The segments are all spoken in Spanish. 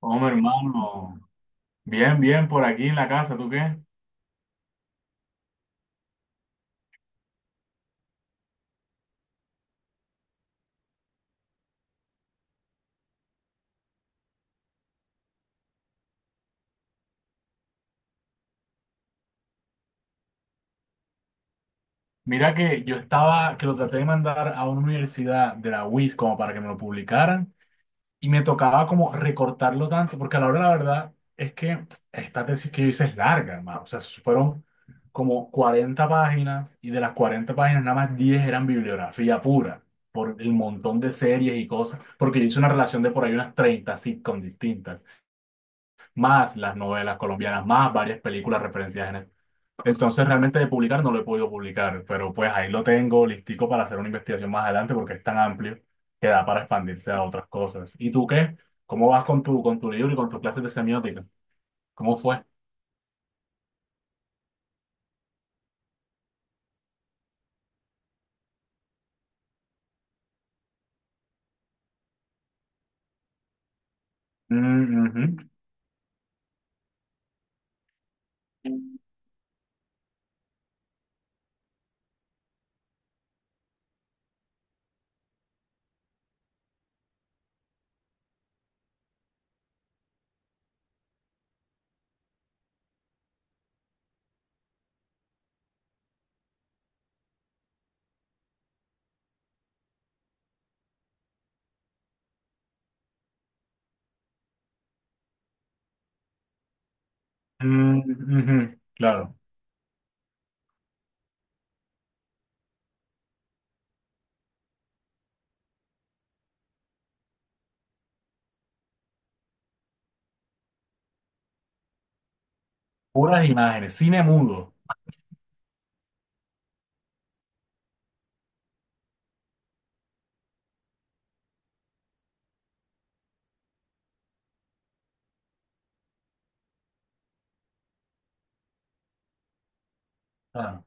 Hombre, hermano, bien, bien, por aquí en la casa, ¿tú qué? Mira que yo estaba, que lo traté de mandar a una universidad de la UIS como para que me lo publicaran y me tocaba como recortarlo tanto, porque a la hora de la verdad es que esta tesis que yo hice es larga, hermano, o sea, fueron como 40 páginas y de las 40 páginas nada más 10 eran bibliografía pura, por el montón de series y cosas, porque yo hice una relación de por ahí unas 30 sitcoms distintas, más las novelas colombianas, más varias películas referenciadas en. Entonces realmente de publicar no lo he podido publicar, pero pues ahí lo tengo listico para hacer una investigación más adelante porque es tan amplio que da para expandirse a otras cosas. ¿Y tú qué? ¿Cómo vas con tu libro y con tus clases de semiótica? ¿Cómo fue? Ujú. Mm, ujú. Claro. Puras imágenes, cine mudo. Ah.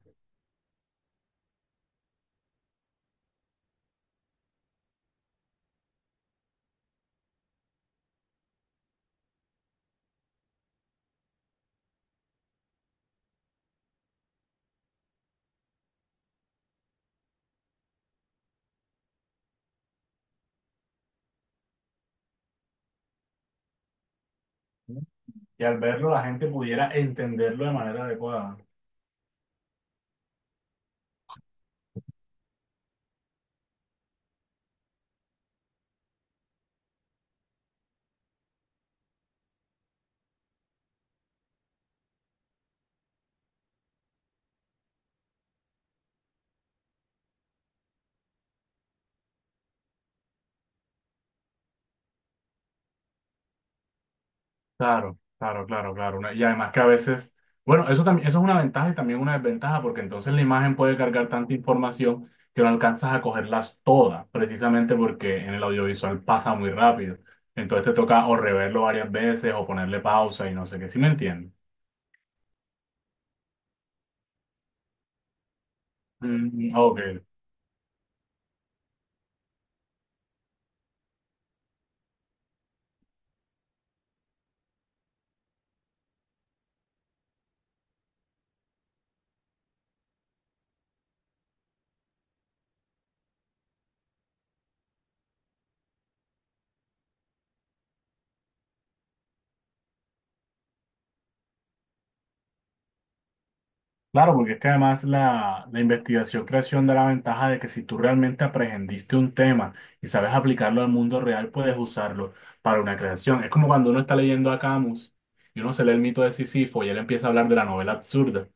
Y al verlo la gente pudiera entenderlo de manera adecuada. Claro, claro, claro, claro. Y además que a veces, bueno, eso también, eso es una ventaja y también una desventaja, porque entonces la imagen puede cargar tanta información que no alcanzas a cogerlas todas, precisamente porque en el audiovisual pasa muy rápido. Entonces te toca o reverlo varias veces o ponerle pausa y no sé qué. ¿Sí me entiendes? Ok. Claro, porque es que además la investigación creación da la ventaja de que si tú realmente aprendiste un tema y sabes aplicarlo al mundo real, puedes usarlo para una creación. Es como cuando uno está leyendo a Camus y uno se lee el mito de Sísifo y él empieza a hablar de la novela absurda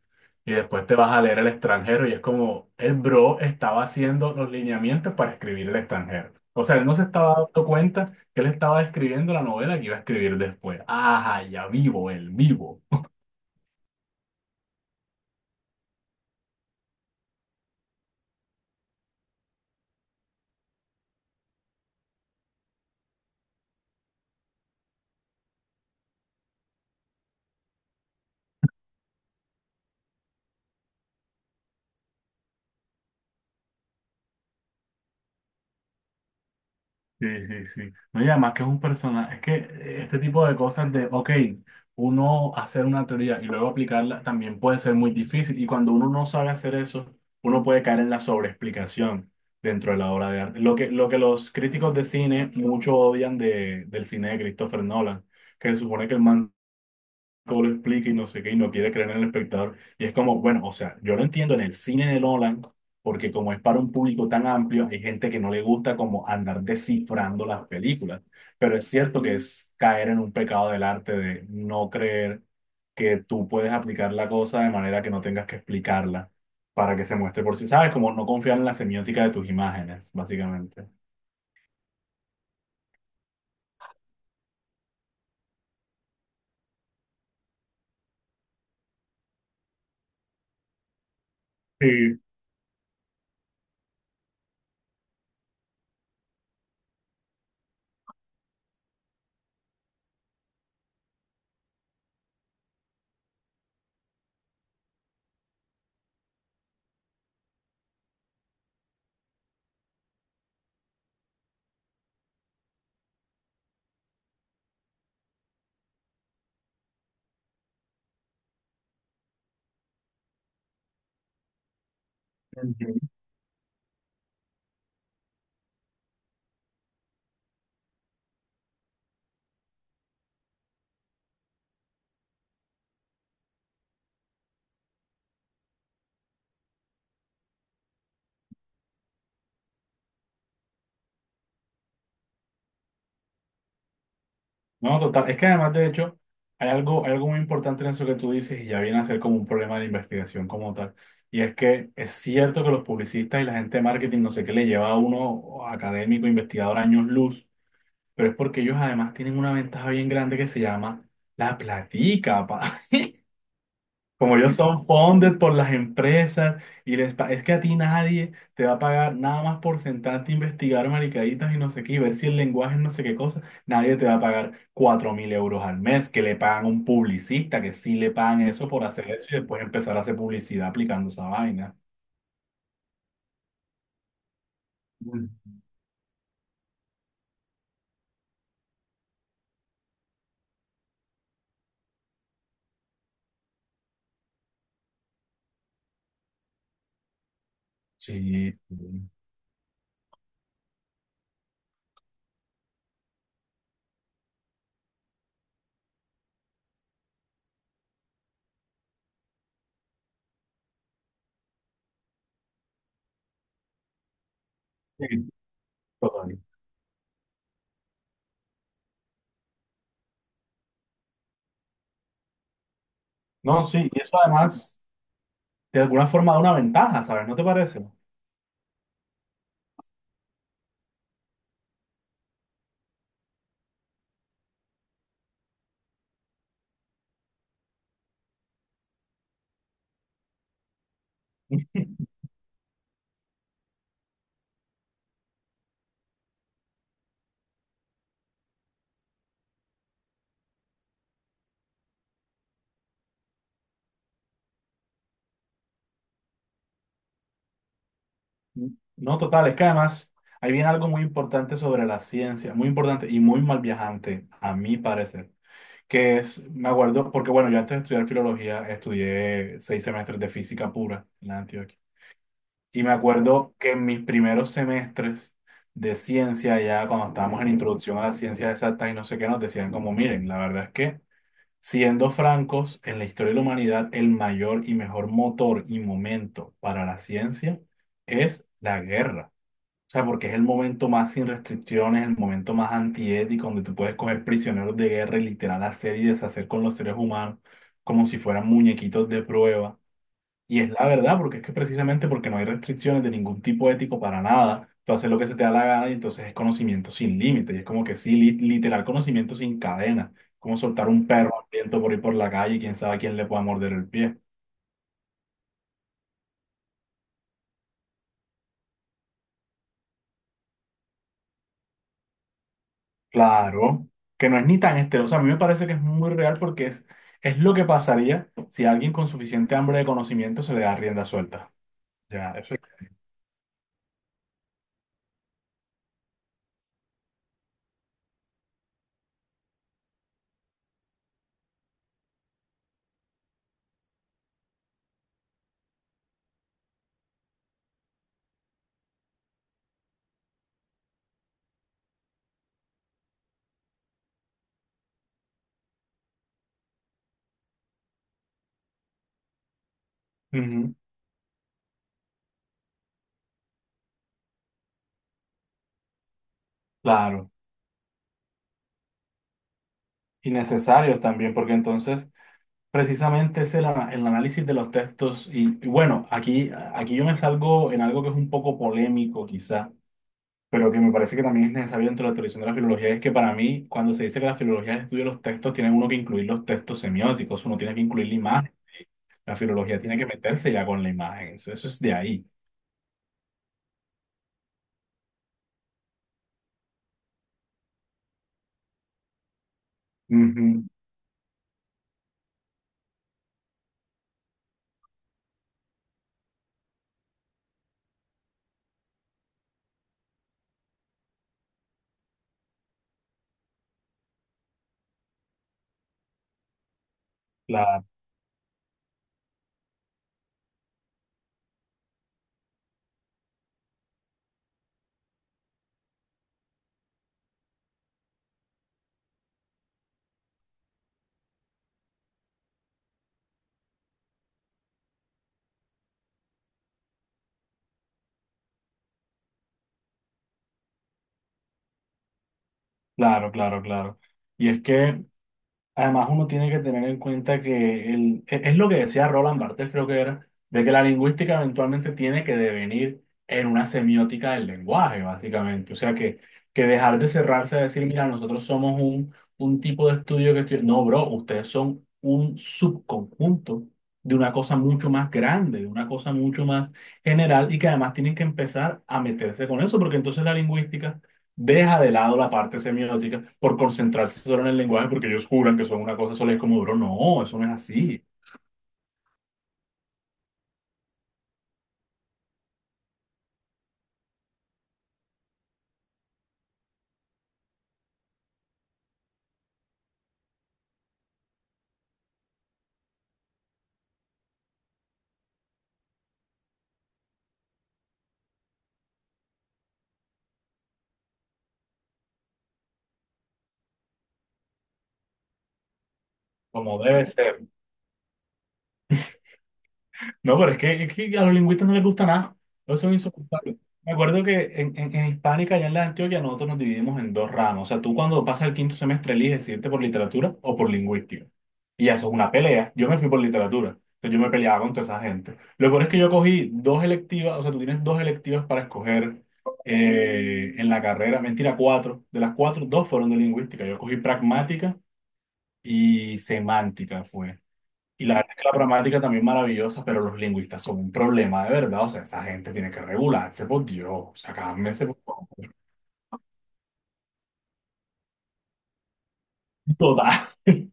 y después te vas a leer El extranjero y es como el bro estaba haciendo los lineamientos para escribir El extranjero. O sea, él no se estaba dando cuenta que él estaba escribiendo la novela que iba a escribir después. Ajá, ya vivo, el vivo. Sí, sí, sí. No, y además que es un personaje, es que este tipo de cosas de, ok, uno hacer una teoría y luego aplicarla también puede ser muy difícil y cuando uno no sabe hacer eso, uno puede caer en la sobreexplicación dentro de la obra de arte. Lo que los críticos de cine mucho odian de, del cine de Christopher Nolan, que se supone que el man lo explica y no sé qué, y no quiere creer en el espectador. Y es como, bueno, o sea, yo lo entiendo en el cine de Nolan, porque como es para un público tan amplio, hay gente que no le gusta como andar descifrando las películas. Pero es cierto que es caer en un pecado del arte de no creer que tú puedes aplicar la cosa de manera que no tengas que explicarla para que se muestre por sí. ¿Sabes? Como no confiar en la semiótica de tus imágenes, básicamente. Sí. No, total. Es que además, de hecho, hay algo muy importante en eso que tú dices y ya viene a ser como un problema de investigación como tal. Y es que es cierto que los publicistas y la gente de marketing, no sé qué, le lleva a uno académico, investigador, años luz, pero es porque ellos además tienen una ventaja bien grande que se llama la platica, pa. Como ellos son funded por las empresas y es que a ti nadie te va a pagar nada más por sentarte a investigar maricaditas y no sé qué, y ver si el lenguaje es no sé qué cosa, nadie te va a pagar 4.000 euros al mes que le pagan a un publicista, que sí le pagan eso por hacer eso y después empezar a hacer publicidad aplicando esa vaina. Mm. Sí, sí, sí, total. No, sí, y eso además de alguna forma da una ventaja, ¿sabes? ¿No te parece? No, total, es que además ahí viene algo muy importante sobre la ciencia, muy importante y muy mal viajante, a mi parecer, que es, me acuerdo, porque bueno, yo antes de estudiar filología estudié 6 semestres de física pura en la Antioquia. Y me acuerdo que en mis primeros semestres de ciencia, ya cuando estábamos en introducción a las ciencias exactas y no sé qué, nos decían como, miren, la verdad es que, siendo francos, en la historia de la humanidad, el mayor y mejor motor y momento para la ciencia es la guerra. O sea, porque es el momento más sin restricciones, el momento más antiético, donde tú puedes coger prisioneros de guerra y literal hacer y deshacer con los seres humanos como si fueran muñequitos de prueba. Y es la verdad, porque es que precisamente porque no hay restricciones de ningún tipo ético para nada, tú haces lo que se te da la gana y entonces es conocimiento sin límite. Y es como que sí, literal conocimiento sin cadena, como soltar un perro hambriento por ir por la calle y quién sabe a quién le pueda morder el pie. Claro, que no es ni tan estereoso. A mí me parece que es muy real porque es lo que pasaría si a alguien con suficiente hambre de conocimiento se le da rienda suelta. Ya, eso es- Ujú. Claro, y necesarios también, porque entonces precisamente es el análisis de los textos. Y bueno, aquí, aquí yo me salgo en algo que es un poco polémico quizá, pero que me parece que también es necesario dentro de la tradición de la filología, es que para mí, cuando se dice que la filología estudia los textos, tiene uno que incluir los textos semióticos, uno tiene que incluir la imagen. La filología tiene que meterse ya con la imagen, eso es de ahí. Ujú. Claro, claro, claro, claro. Y es que además, uno tiene que tener en cuenta que es lo que decía Roland Barthes, creo que era, de que la lingüística eventualmente tiene que devenir en una semiótica del lenguaje, básicamente. O sea, que dejar de cerrarse a decir, mira, nosotros somos un tipo de estudio que estu-". No, bro, ustedes son un subconjunto de una cosa mucho más grande, de una cosa mucho más general y que además tienen que empezar a meterse con eso, porque entonces la lingüística deja de lado la parte semiótica por concentrarse solo en el lenguaje porque ellos juran que son una cosa sola y es como, bro, no, eso no es así, como debe ser. No, pero es que a los lingüistas no les gusta nada. No son insoportables. Me acuerdo que en Hispánica, allá en la Antioquia, nosotros nos dividimos en dos ramas. O sea, tú cuando pasas el quinto semestre eliges si irte por literatura o por lingüística. Y eso es una pelea. Yo me fui por literatura. Entonces yo me peleaba con toda esa gente. Lo peor es que yo cogí dos electivas, o sea, tú tienes dos electivas para escoger en la carrera. Mentira, cuatro. De las cuatro, dos fueron de lingüística. Yo cogí pragmática y semántica fue. Y la verdad es que la gramática también es maravillosa, pero los lingüistas son un problema de verdad. O sea, esa gente tiene que regularse, por Dios. O sea, cálmense, por favor. Total.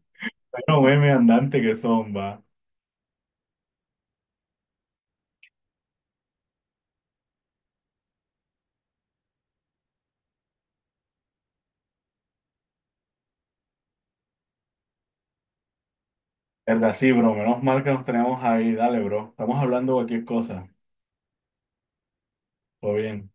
Bueno, meme andante que son, va. Verdad, sí, bro. Menos mal que nos tenemos ahí. Dale, bro. Estamos hablando de cualquier cosa. Todo bien.